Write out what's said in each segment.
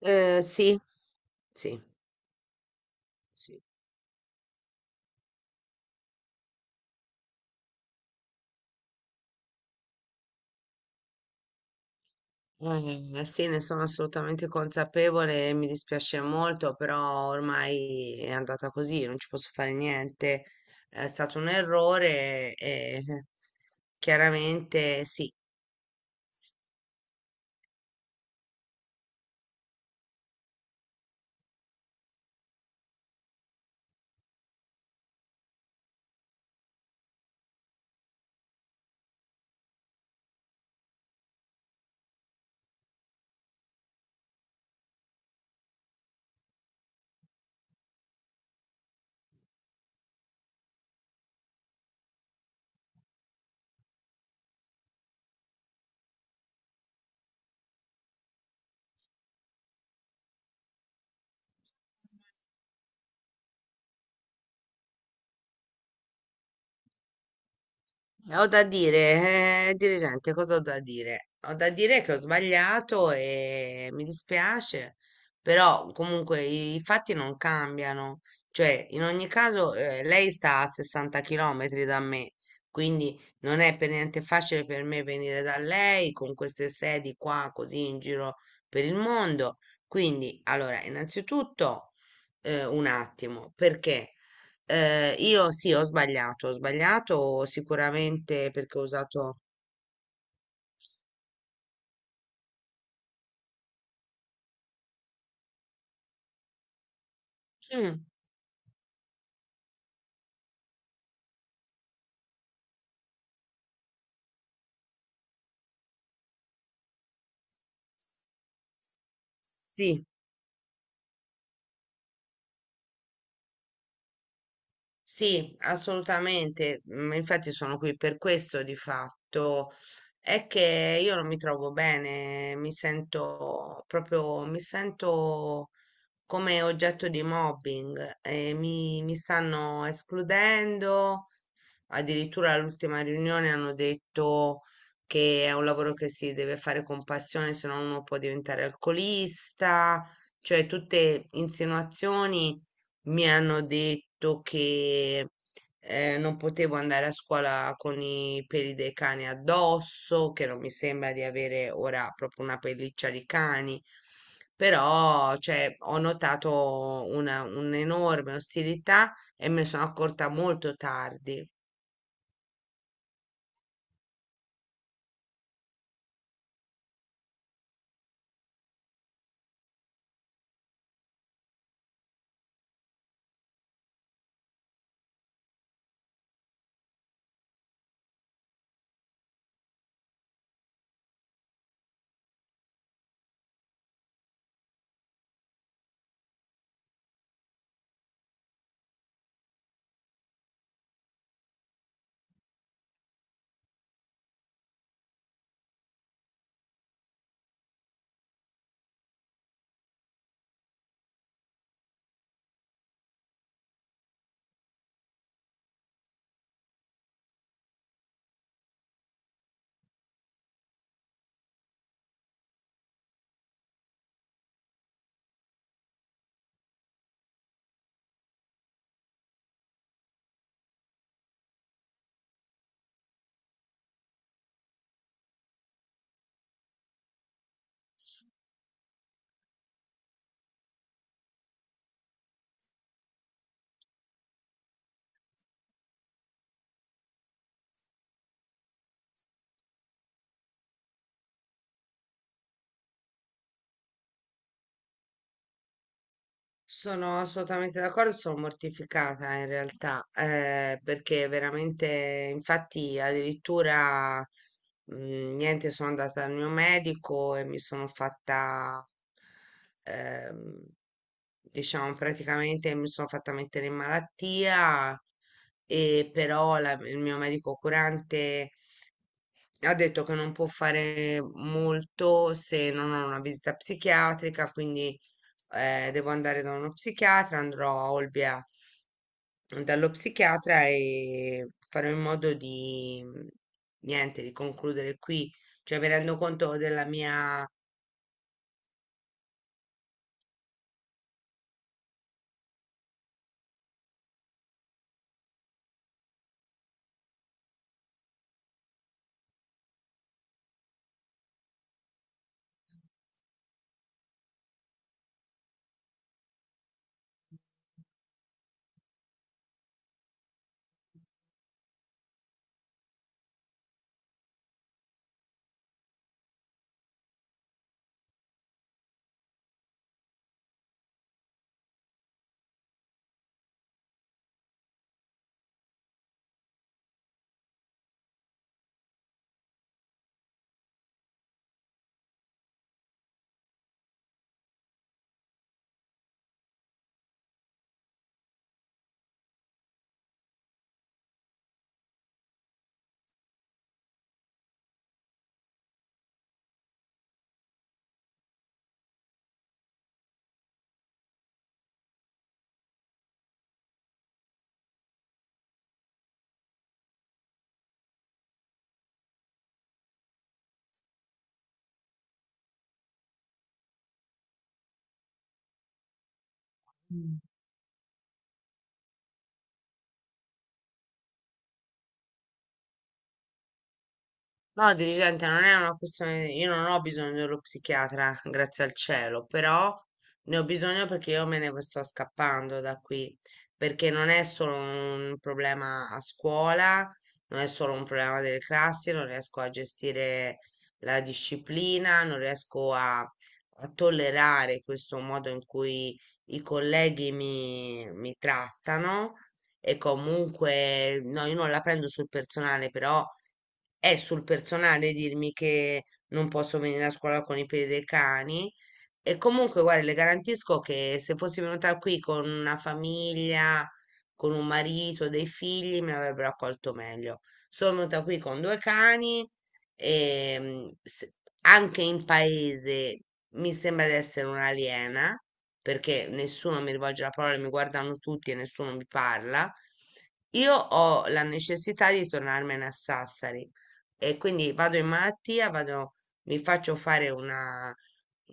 Sì, sì, sì. Sì, ne sono assolutamente consapevole e mi dispiace molto, però ormai è andata così, non ci posso fare niente. È stato un errore e chiaramente sì. Ho da dire, dirigente, cosa ho da dire? Ho da dire che ho sbagliato e mi dispiace, però comunque i fatti non cambiano. Cioè, in ogni caso, lei sta a 60 km da me, quindi non è per niente facile per me venire da lei con queste sedi qua, così in giro per il mondo. Quindi, allora, innanzitutto, un attimo, perché? Io sì, ho sbagliato sicuramente perché ho usato... Mm. Sì, sì, assolutamente. Infatti sono qui per questo di fatto. È che io non mi trovo bene, mi sento come oggetto di mobbing, e mi stanno escludendo. Addirittura all'ultima riunione hanno detto che è un lavoro che si deve fare con passione, se no uno può diventare alcolista, cioè tutte insinuazioni, mi hanno detto che non potevo andare a scuola con i peli dei cani addosso, che non mi sembra di avere ora proprio una pelliccia di cani, però cioè, ho notato un'enorme ostilità e me ne sono accorta molto tardi. Sono assolutamente d'accordo, sono mortificata in realtà, perché veramente, infatti, addirittura niente, sono andata dal mio medico e mi sono fatta, ehm, diciamo, praticamente mi sono fatta mettere in malattia, e però il mio medico curante ha detto che non può fare molto se non ho una visita psichiatrica, quindi devo andare da uno psichiatra, andrò a Olbia dallo psichiatra e farò in modo di, niente, di concludere qui. Cioè, mi rendo conto della mia. No, dirigente, non è una questione, io non ho bisogno dello psichiatra, grazie al cielo, però ne ho bisogno perché io me ne sto scappando da qui, perché non è solo un problema a scuola, non è solo un problema delle classi, non riesco a gestire la disciplina, non riesco a, a tollerare questo modo in cui i colleghi mi trattano e comunque, no, io non la prendo sul personale, però è sul personale dirmi che non posso venire a scuola con i piedi dei cani e comunque, guarda, le garantisco che se fossi venuta qui con una famiglia, con un marito, dei figli, mi avrebbero accolto meglio. Sono venuta qui con due cani e anche in paese mi sembra di essere un'aliena, perché nessuno mi rivolge la parola, mi guardano tutti e nessuno mi parla. Io ho la necessità di tornarmene a Sassari e quindi vado in malattia, vado, mi faccio fare una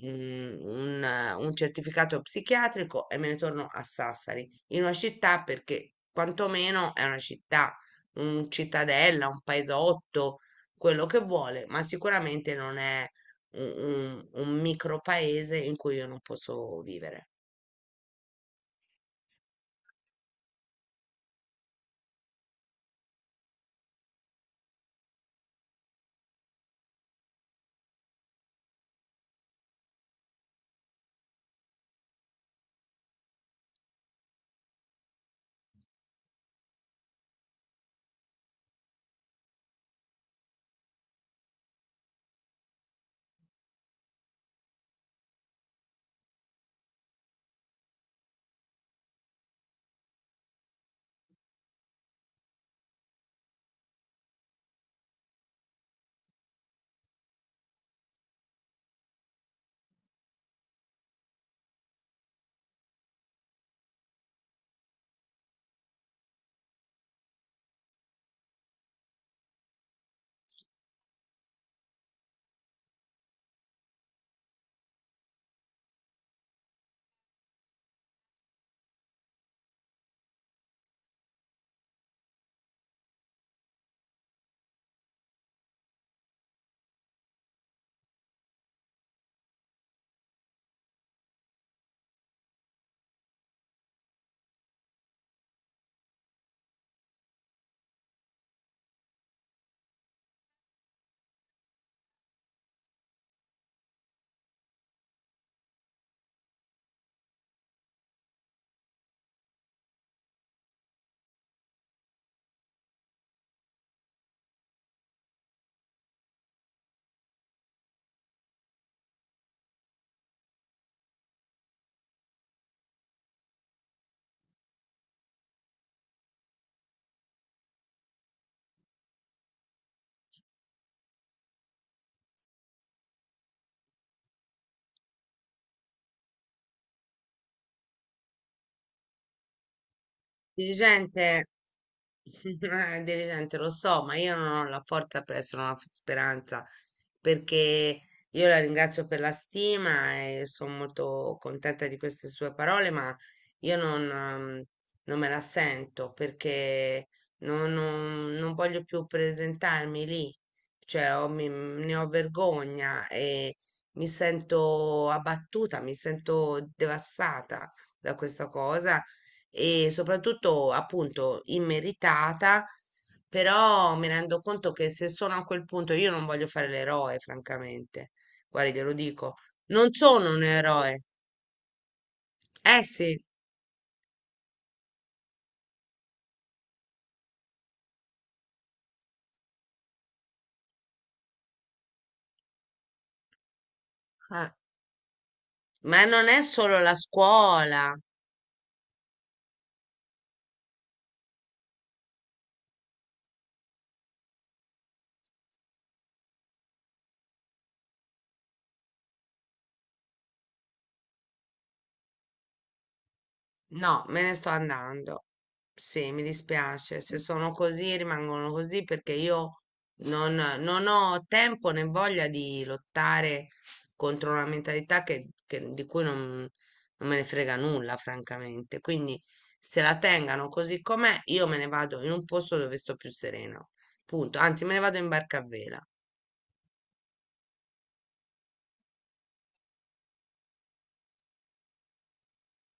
mhmm, un certificato psichiatrico e me ne torno a Sassari, in una città perché quantomeno è una città, un cittadella, un paesotto, quello che vuole, ma sicuramente non è u un micropaese in cui io non posso vivere. Dirigente. Dirigente, lo so, ma io non ho la forza per essere una speranza, perché io la ringrazio per la stima e sono molto contenta di queste sue parole, ma io non me la sento perché non voglio più presentarmi lì, cioè ne ho vergogna e mi sento abbattuta, mi sento devastata da questa cosa e soprattutto appunto immeritata, però mi rendo conto che se sono a quel punto io non voglio fare l'eroe, francamente. Guarda, glielo dico, non sono un eroe. Eh sì. Eh, ma non è solo la scuola. No, me ne sto andando. Sì, mi dispiace. Se sono così, rimangono così perché io non, non ho tempo né voglia di lottare contro una mentalità di cui non me ne frega nulla, francamente. Quindi se la tengano così com'è, io me ne vado in un posto dove sto più serena. Punto. Anzi, me ne vado in barca a vela.